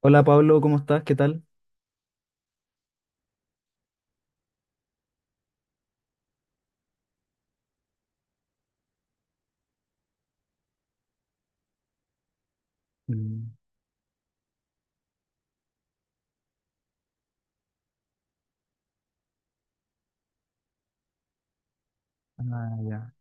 Hola Pablo, ¿cómo estás? ¿Qué tal? Mm. Ah, ya.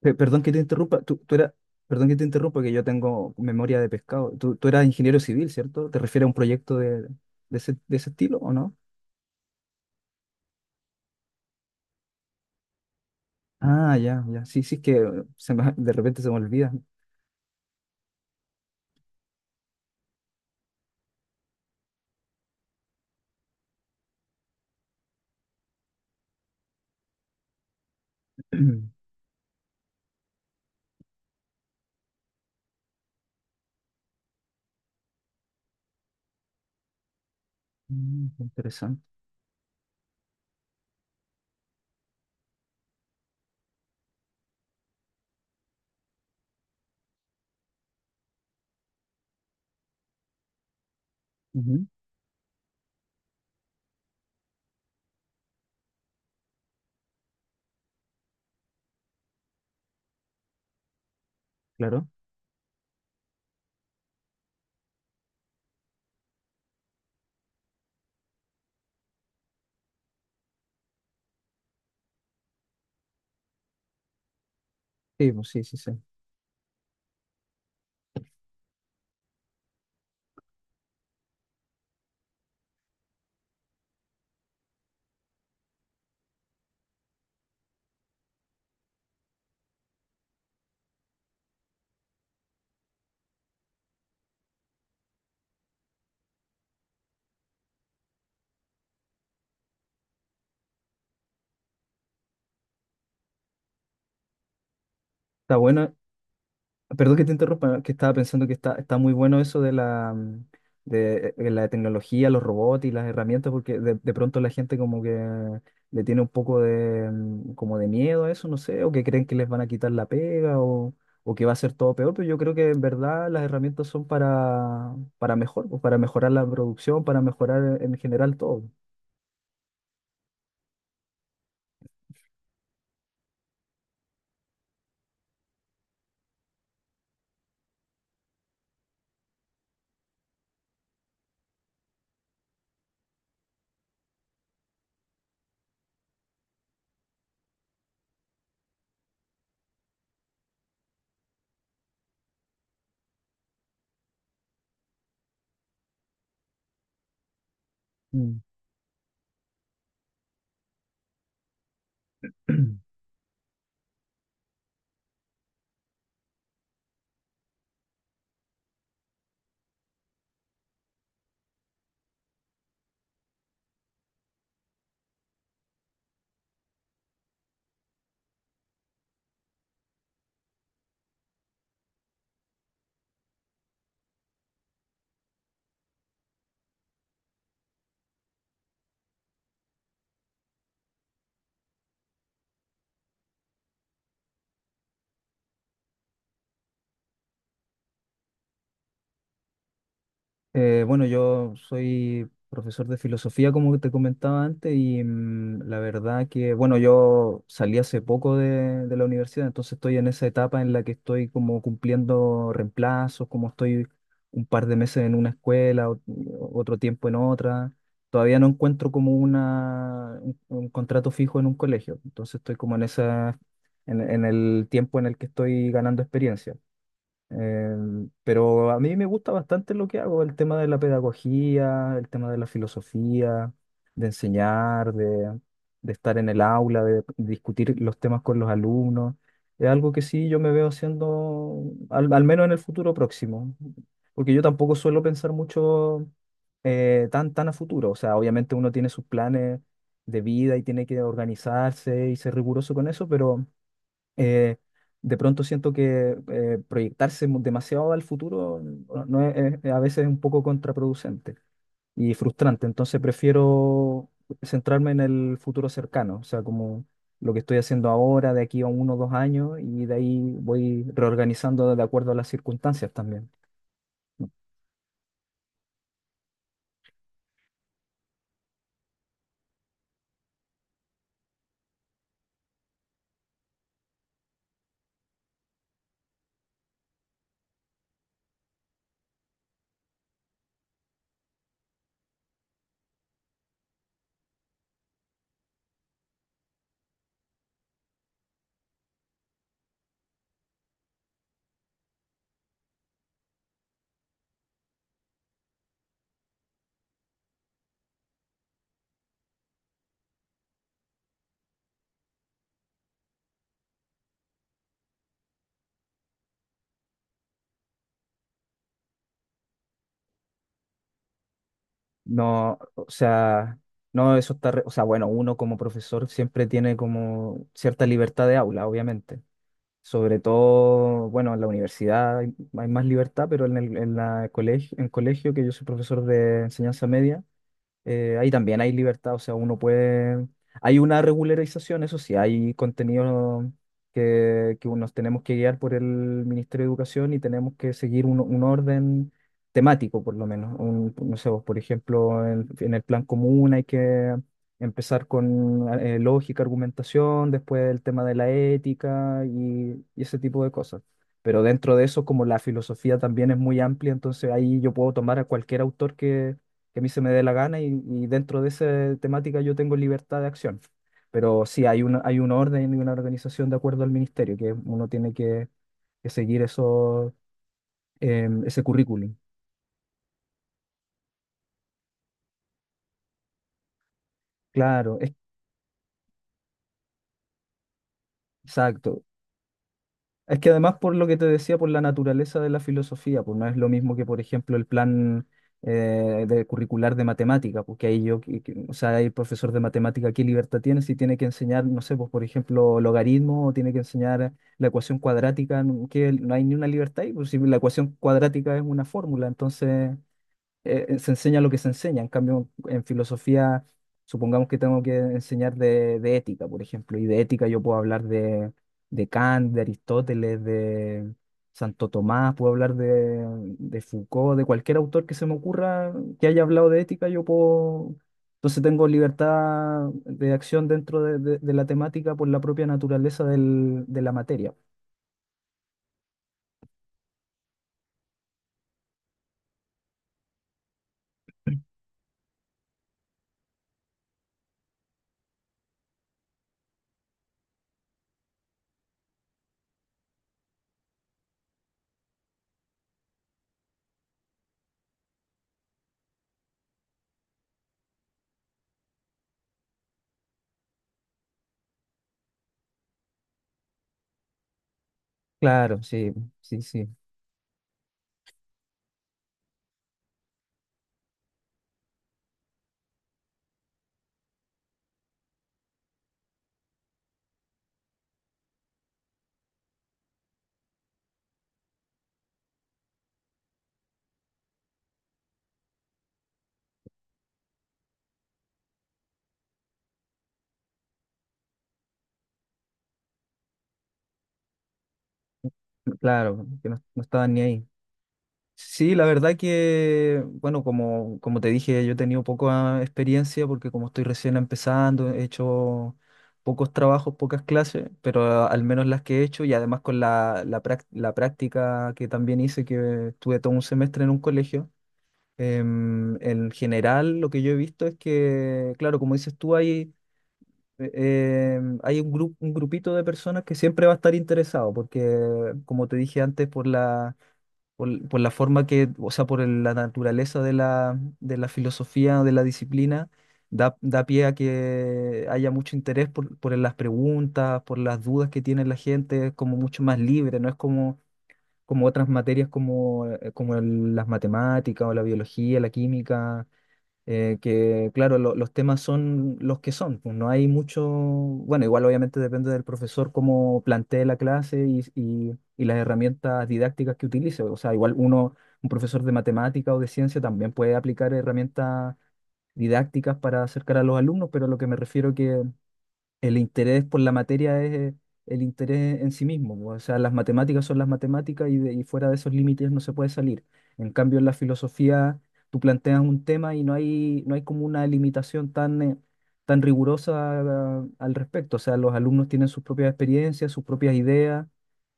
Perdón que te interrumpa, perdón que te interrumpa, que yo tengo memoria de pescado. Tú eras ingeniero civil, ¿cierto? ¿Te refieres a un proyecto de ese, de ese estilo o no? Ah, ya, ya. Sí, sí, es que de repente se me olvida. Mm, qué interesante. Ujú, claro. Sí, pues sí, sí, sí. Está bueno. Perdón que te interrumpa, que estaba pensando que está, está muy bueno eso de de la tecnología, los robots y las herramientas, porque de pronto la gente como que le tiene un poco como de miedo a eso, no sé, o que creen que les van a quitar la pega o que va a ser todo peor, pero yo creo que en verdad las herramientas son para mejor, pues, para mejorar la producción, para mejorar en general todo. Mm. Bueno, yo soy profesor de filosofía, como te comentaba antes, y la verdad que, bueno, yo salí hace poco de la universidad, entonces estoy en esa etapa en la que estoy como cumpliendo reemplazos, como estoy un par de meses en una escuela, otro tiempo en otra. Todavía no encuentro como un contrato fijo en un colegio, entonces estoy como en esa, en el tiempo en el que estoy ganando experiencia. Pero a mí me gusta bastante lo que hago, el tema de la pedagogía, el tema de la filosofía, de enseñar, de estar en el aula, de discutir los temas con los alumnos. Es algo que sí yo me veo haciendo, al menos en el futuro próximo, porque yo tampoco suelo pensar mucho tan a futuro. O sea, obviamente uno tiene sus planes de vida y tiene que organizarse y ser riguroso con eso, pero eh, de pronto siento que proyectarse demasiado al futuro no a veces es un poco contraproducente y frustrante. Entonces prefiero centrarme en el futuro cercano, o sea, como lo que estoy haciendo ahora, de aquí a uno o dos años, y de ahí voy reorganizando de acuerdo a las circunstancias también. No, o sea, no, eso está, o sea, bueno, uno como profesor siempre tiene como cierta libertad de aula, obviamente. Sobre todo, bueno, en la universidad hay, hay más libertad, pero en el, en la colegio, en colegio, que yo soy profesor de enseñanza media, ahí también hay libertad, o sea, uno puede... Hay una regularización, eso sí, hay contenido que nos tenemos que guiar por el Ministerio de Educación y tenemos que seguir un orden temático, por lo menos. No sé, vos, por ejemplo, en el plan común hay que empezar con lógica, argumentación, después el tema de la ética y ese tipo de cosas. Pero dentro de eso, como la filosofía también es muy amplia, entonces ahí yo puedo tomar a cualquier autor que a mí se me dé la gana y dentro de esa temática yo tengo libertad de acción. Pero sí, hay una, hay un orden y una organización de acuerdo al ministerio, que uno tiene que seguir eso, ese currículum. Claro, exacto. Es que además por lo que te decía, por la naturaleza de la filosofía, pues no es lo mismo que, por ejemplo, el plan de curricular de matemática, porque ahí yo, o sea, el profesor de matemática, ¿qué libertad tiene si tiene que enseñar, no sé, pues por ejemplo, logaritmo o tiene que enseñar la ecuación cuadrática? Que no hay ni una libertad ahí, pues si la ecuación cuadrática es una fórmula, entonces se enseña lo que se enseña. En cambio, en filosofía, supongamos que tengo que enseñar de ética, por ejemplo, y de ética yo puedo hablar de Kant, de Aristóteles, de Santo Tomás, puedo hablar de Foucault, de cualquier autor que se me ocurra que haya hablado de ética, yo puedo... Entonces tengo libertad de acción dentro de, de la temática por la propia naturaleza de la materia. Claro, sí, sí, sí, claro, que no, no estaban ni ahí. Sí, la verdad que, bueno, como, como te dije, yo he tenido poca experiencia porque como estoy recién empezando, he hecho pocos trabajos, pocas clases, pero al menos las que he hecho y además con la, la práctica que también hice, que estuve todo un semestre en un colegio. En general, lo que yo he visto es que, claro, como dices tú, eh, hay un grupo, un grupito de personas que siempre va a estar interesado porque, como te dije antes, por la forma que, o sea, la naturaleza de la filosofía, de la disciplina, da, da pie a que haya mucho interés por las preguntas, por las dudas que tiene la gente, es como mucho más libre, no es como, como otras materias como, como las matemáticas o la biología, la química que claro, los temas son los que son, pues no hay mucho, bueno, igual obviamente depende del profesor cómo plantee la clase y, y las herramientas didácticas que utilice, o sea, igual uno, un profesor de matemática o de ciencia también puede aplicar herramientas didácticas para acercar a los alumnos, pero lo que me refiero que el interés por la materia es el interés en sí mismo, po. O sea, las matemáticas son las matemáticas y, y fuera de esos límites no se puede salir. En cambio, en la filosofía tú planteas un tema y no hay, no hay como una limitación tan, tan rigurosa ah, al respecto. O sea, los alumnos tienen sus propias experiencias, sus propias ideas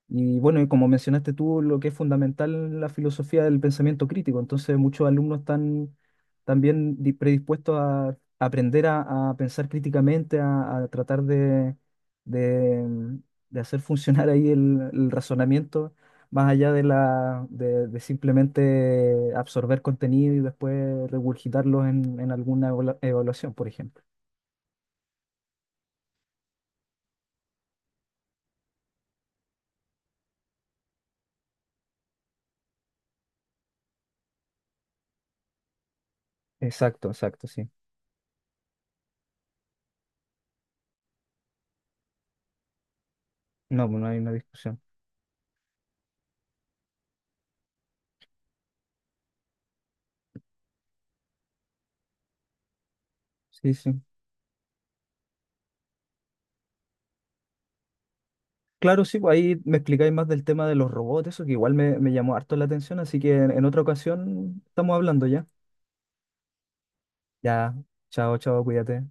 y bueno, y como mencionaste tú, lo que es fundamental la filosofía del pensamiento crítico. Entonces, muchos alumnos están también predispuestos a aprender a pensar críticamente, a tratar de, de- mm, de hacer funcionar ahí el razonamiento, más allá de la, de simplemente absorber contenido y después regurgitarlo en alguna evaluación, por ejemplo. Exacto, exacto, sí. No, pues no hay una discusión. Sí, sí. Claro, sí, pues ahí me explicáis más del tema de los robots, eso que igual me, me llamó harto la atención, así que en otra ocasión estamos hablando ya. Ya, chao, chao, cuídate.